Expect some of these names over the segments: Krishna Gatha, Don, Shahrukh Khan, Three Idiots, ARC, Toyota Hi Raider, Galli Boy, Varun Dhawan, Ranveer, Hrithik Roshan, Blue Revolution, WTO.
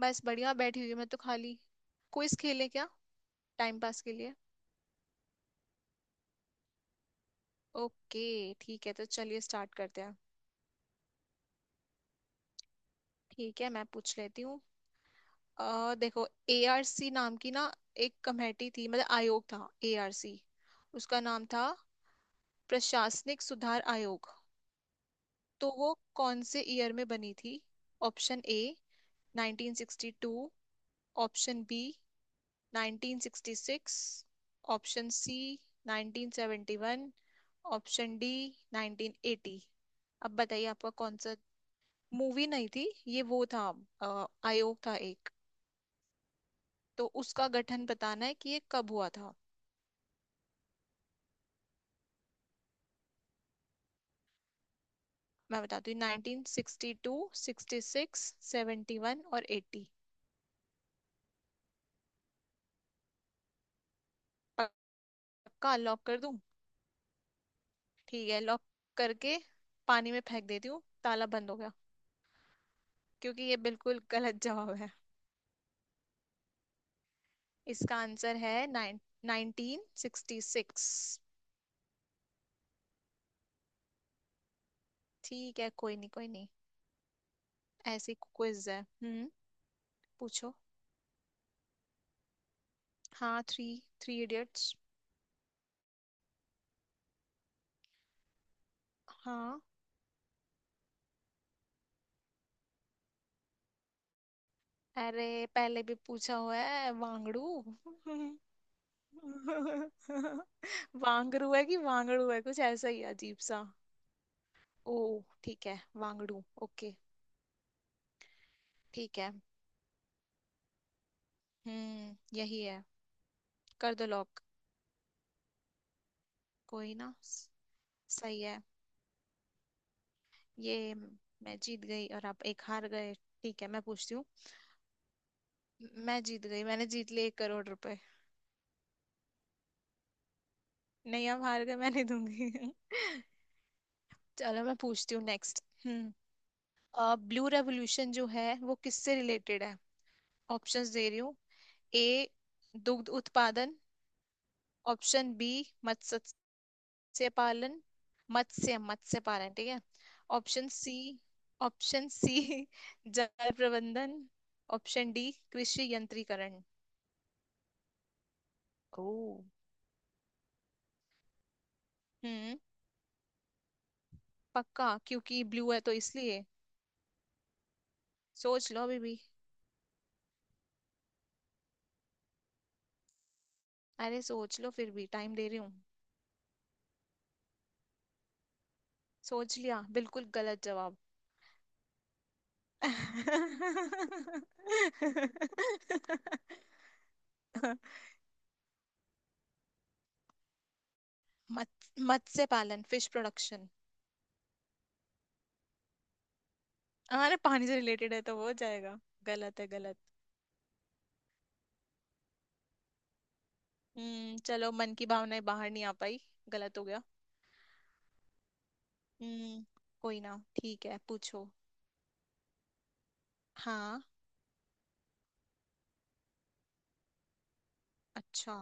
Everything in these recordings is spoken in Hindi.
बस बढ़िया बैठी हुई हूँ मैं तो खाली। क्विज खेलें क्या? टाइम पास के लिए। ओके ठीक है, तो चलिए स्टार्ट करते हैं। ठीक है मैं पूछ लेती हूँ। देखो एआरसी नाम की ना, एक कमेटी थी मतलब आयोग था एआरसी। उसका नाम था प्रशासनिक सुधार आयोग। तो वो कौन से ईयर में बनी थी? Option A 1962, option B 1966, option C 1971, option D 1980। अब बताइए आपका कौन सा। मूवी नहीं थी ये, वो था। आयोग था एक। तो उसका गठन बताना है कि ये कब हुआ था। मैं बताती हूँ 1962, 66, 71 और 80। पक्का लॉक कर दूं? ठीक है लॉक करके पानी में फेंक देती हूँ, ताला बंद हो गया। क्योंकि ये बिल्कुल गलत जवाब है। इसका आंसर है नाइन 1966। ठीक है कोई नहीं कोई नहीं। ऐसी क्विज है। हम्म, पूछो। हाँ थ्री, थ्री इडियट्स। हाँ अरे पहले भी पूछा हुआ है वांगड़ू। वांगड़ू है कि वांगड़ू है, कुछ ऐसा ही अजीब सा। ओ ठीक है वांगड़ू ओके। ठीक है। यही है। कर दो लॉक। कोई ना। सही है ये। मैं जीत गई और आप एक हार गए। ठीक है मैं पूछती हूँ। मैं जीत गई, मैंने जीत लिए 1 करोड़ रुपए। नहीं आप हार गए, मैं नहीं दूंगी। चलो मैं पूछती हूँ नेक्स्ट। हम्म, ब्लू रेवोल्यूशन जो है वो किससे रिलेटेड है? ऑप्शंस दे रही हूँ। ए दुग्ध उत्पादन, ऑप्शन बी मत्स्य पालन। मत्स्य मत्स्य पालन, ठीक है। ऑप्शन सी, ऑप्शन सी जल प्रबंधन, ऑप्शन डी कृषि यंत्रीकरण। ओ हम्म, पक्का? क्योंकि ब्लू है तो इसलिए। सोच लो अभी भी। अरे सोच लो, फिर भी टाइम दे रही हूँ। सोच लिया? बिल्कुल गलत जवाब। मत मत्स्य पालन फिश प्रोडक्शन। अरे पानी से रिलेटेड है तो हो जाएगा? गलत है गलत। चलो, मन की भावनाएं बाहर नहीं आ पाई, गलत हो गया। हम्म कोई ना ठीक है पूछो। हाँ अच्छा।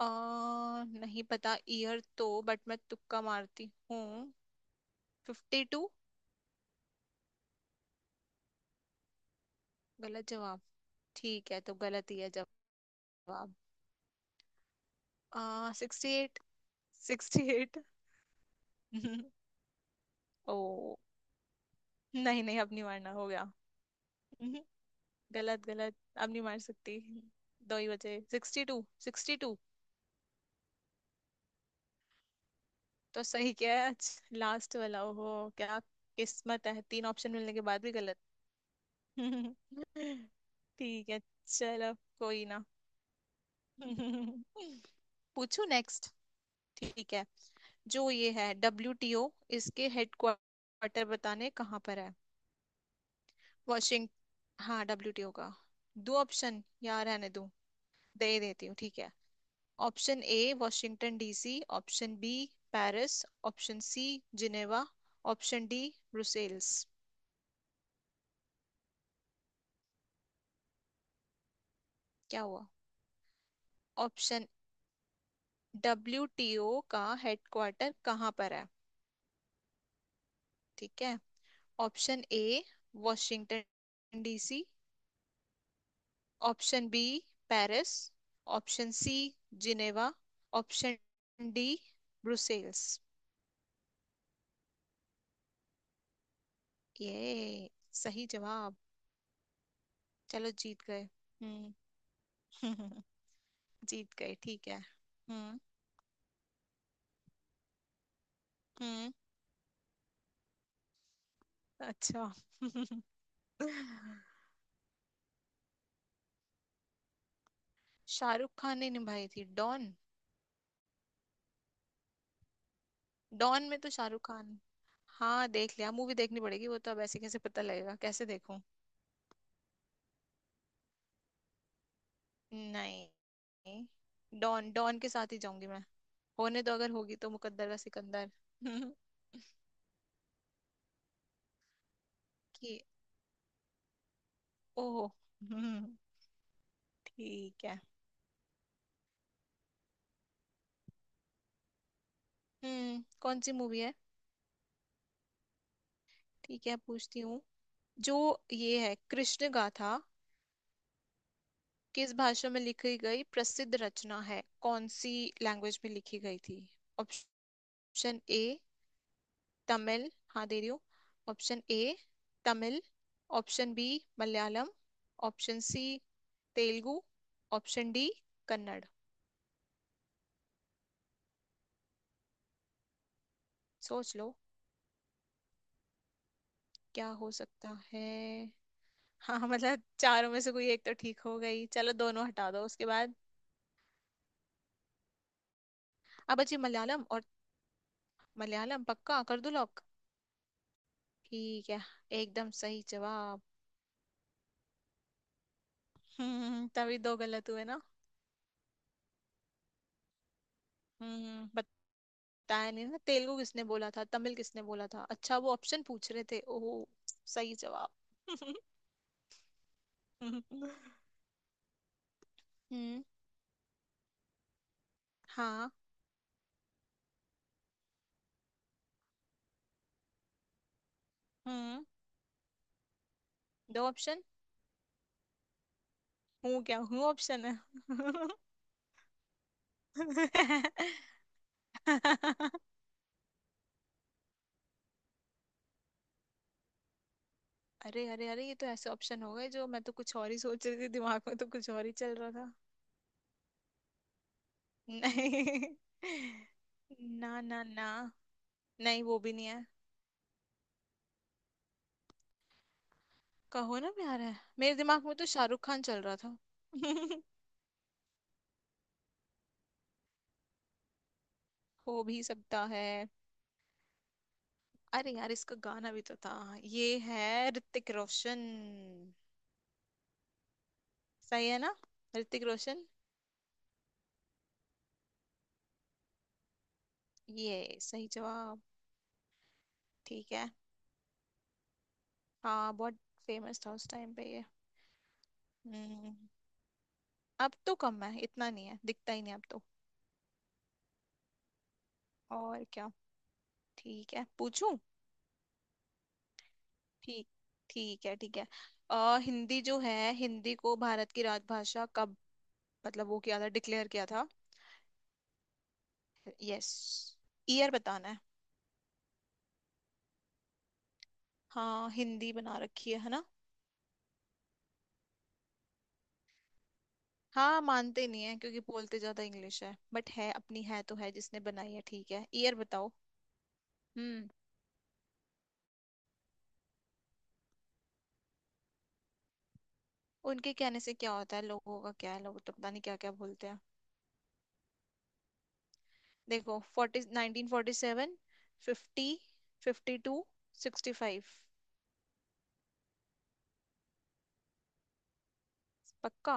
अ नहीं पता ईयर तो, बट मैं तुक्का मारती हूँ। Fifty to. गलत जवाब? ठीक है, तो गलत ही है जवाब। आ सिक्सटी एट, सिक्सटी एट। ओ नहीं नहीं, अब नहीं मारना, हो गया। हम्म, गलत गलत, अब नहीं मार सकती। दो ही बचे सिक्सटी टू, सिक्सटी टू। तो सही क्या है आज, लास्ट वाला? ओहो क्या। किस्मत है, तीन ऑप्शन मिलने के बाद भी गलत। ठीक है चलो कोई ना। पूछू नेक्स्ट। ठीक है, जो ये है डब्ल्यू टी ओ, इसके हेडक्वार्टर बताने कहाँ पर है? वाशिंग हाँ डब्ल्यू टी ओ का। दो ऑप्शन या रहने दूं? दे ही देती हूँ ठीक है। Option A Washington DC, option B Paris, option C Geneva, option D Brussels. क्या हुआ? ऑप्शन, डब्ल्यूटीओ का हेडक्वार्टर कहाँ पर है? ठीक है। Option A Washington DC, option B Paris, option C Geneva, option D Brussels. ये सही जवाब। चलो जीत गए। हम्म, जीत गए ठीक है। हम्म। हम्म अच्छा। शाहरुख खान ने निभाई थी डॉन। डॉन में तो शाहरुख खान। हाँ देख लिया, मूवी देखनी पड़ेगी वो तो, अब ऐसे कैसे पता लगेगा, कैसे देखूं। नहीं। डॉन डॉन के साथ ही जाऊंगी मैं। होने तो, अगर होगी तो मुकद्दर का सिकंदर। कि ओह। हम्म, ठीक है। कौन सी मूवी है? ठीक है पूछती हूँ। जो ये है कृष्ण गाथा, किस भाषा में लिखी गई प्रसिद्ध रचना है, कौन सी लैंग्वेज में लिखी गई थी? ऑप्शन ए तमिल, हाँ दे रही हूँ। Option A Tamil, option B Malayalam, option C Telugu, option D Kannada. सोच लो क्या हो सकता है। हाँ मतलब चारों में से कोई एक तो ठीक हो गई, चलो दोनों हटा दो उसके बाद। अब बची मलयालम और, मलयालम पक्का कर दो लॉक। ठीक है, एकदम सही जवाब। तभी दो गलत हुए ना। हम्म बताया नहीं ना, तेलुगु किसने बोला था, तमिल किसने बोला था, अच्छा वो ऑप्शन पूछ रहे थे। ओह सही जवाब। हम्म। हाँ। हम्म दो ऑप्शन। हूँ क्या हूँ ऑप्शन है? अरे अरे अरे, ये तो ऐसे ऑप्शन हो गए, जो मैं तो कुछ और ही सोच रही थी, दिमाग में तो कुछ और ही चल रहा था। नहीं। ना ना ना। नहीं वो भी नहीं है। कहो ना प्यार है, मेरे दिमाग में तो शाहरुख खान चल रहा था। हो भी सकता है। अरे यार इसका गाना भी तो था। ये है ऋतिक रोशन। सही है ना? ऋतिक रोशन। ये सही जवाब। ठीक है। हाँ बहुत फेमस था उस टाइम पे ये। हम्म अब तो कम है, इतना नहीं है, दिखता ही नहीं अब तो। और क्या। ठीक है पूछूं। ठीक ठीक है ठीक है। हिंदी जो है, हिंदी को भारत की राजभाषा कब मतलब वो किया था, डिक्लेयर किया था? यस ईयर बताना है। हाँ हिंदी बना रखी है ना। हाँ मानते नहीं है, क्योंकि बोलते ज्यादा इंग्लिश है, बट है, अपनी है तो है, जिसने बनाई है। ठीक है ईयर बताओ। हम्म, उनके कहने से क्या होता है, लोगों का क्या है, लोग तो पता नहीं क्या क्या बोलते हैं। देखो forty nineteen forty seven, fifty, fifty two, sixty five. पक्का?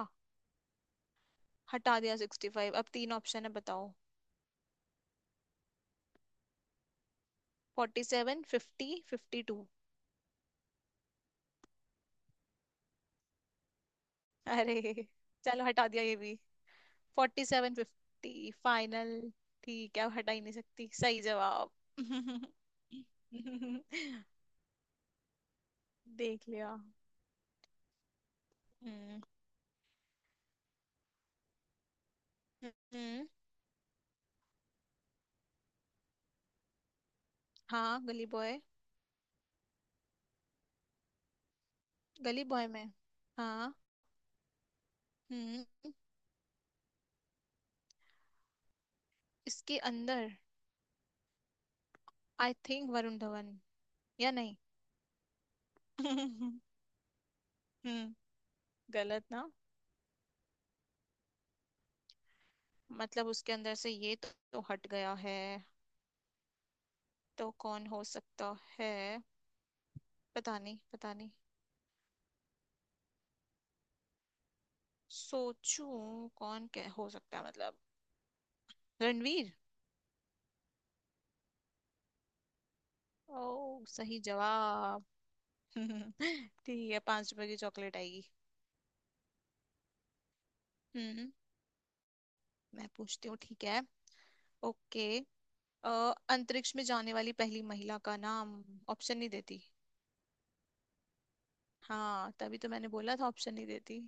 हटा दिया सिक्सटी फाइव, अब तीन ऑप्शन है बताओ। Forty seven fifty fifty two. अरे चलो हटा दिया ये भी। Forty seven fifty final. ठीक है अब हटा ही नहीं सकती। सही जवाब। देख लिया। हम्म। हम्म, हाँ गली बॉय। गली बॉय में हाँ। हम्म इसके अंदर आई थिंक वरुण धवन, या नहीं? हम्म गलत ना। मतलब उसके अंदर से ये तो हट गया है, तो कौन हो सकता है? पता नहीं पता नहीं। सोचूं कौन क्या हो सकता है, मतलब रणवीर। ओ सही जवाब। ठीक है, 5 रुपए की चॉकलेट आएगी। हम्म मैं पूछती हूँ ठीक है। ओके अ, अंतरिक्ष में जाने वाली पहली महिला का नाम, ऑप्शन नहीं देती। हाँ तभी तो मैंने बोला था ऑप्शन नहीं देती।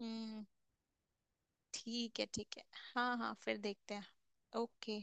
हम्म ठीक है ठीक है। हाँ हाँ फिर देखते हैं। ओके।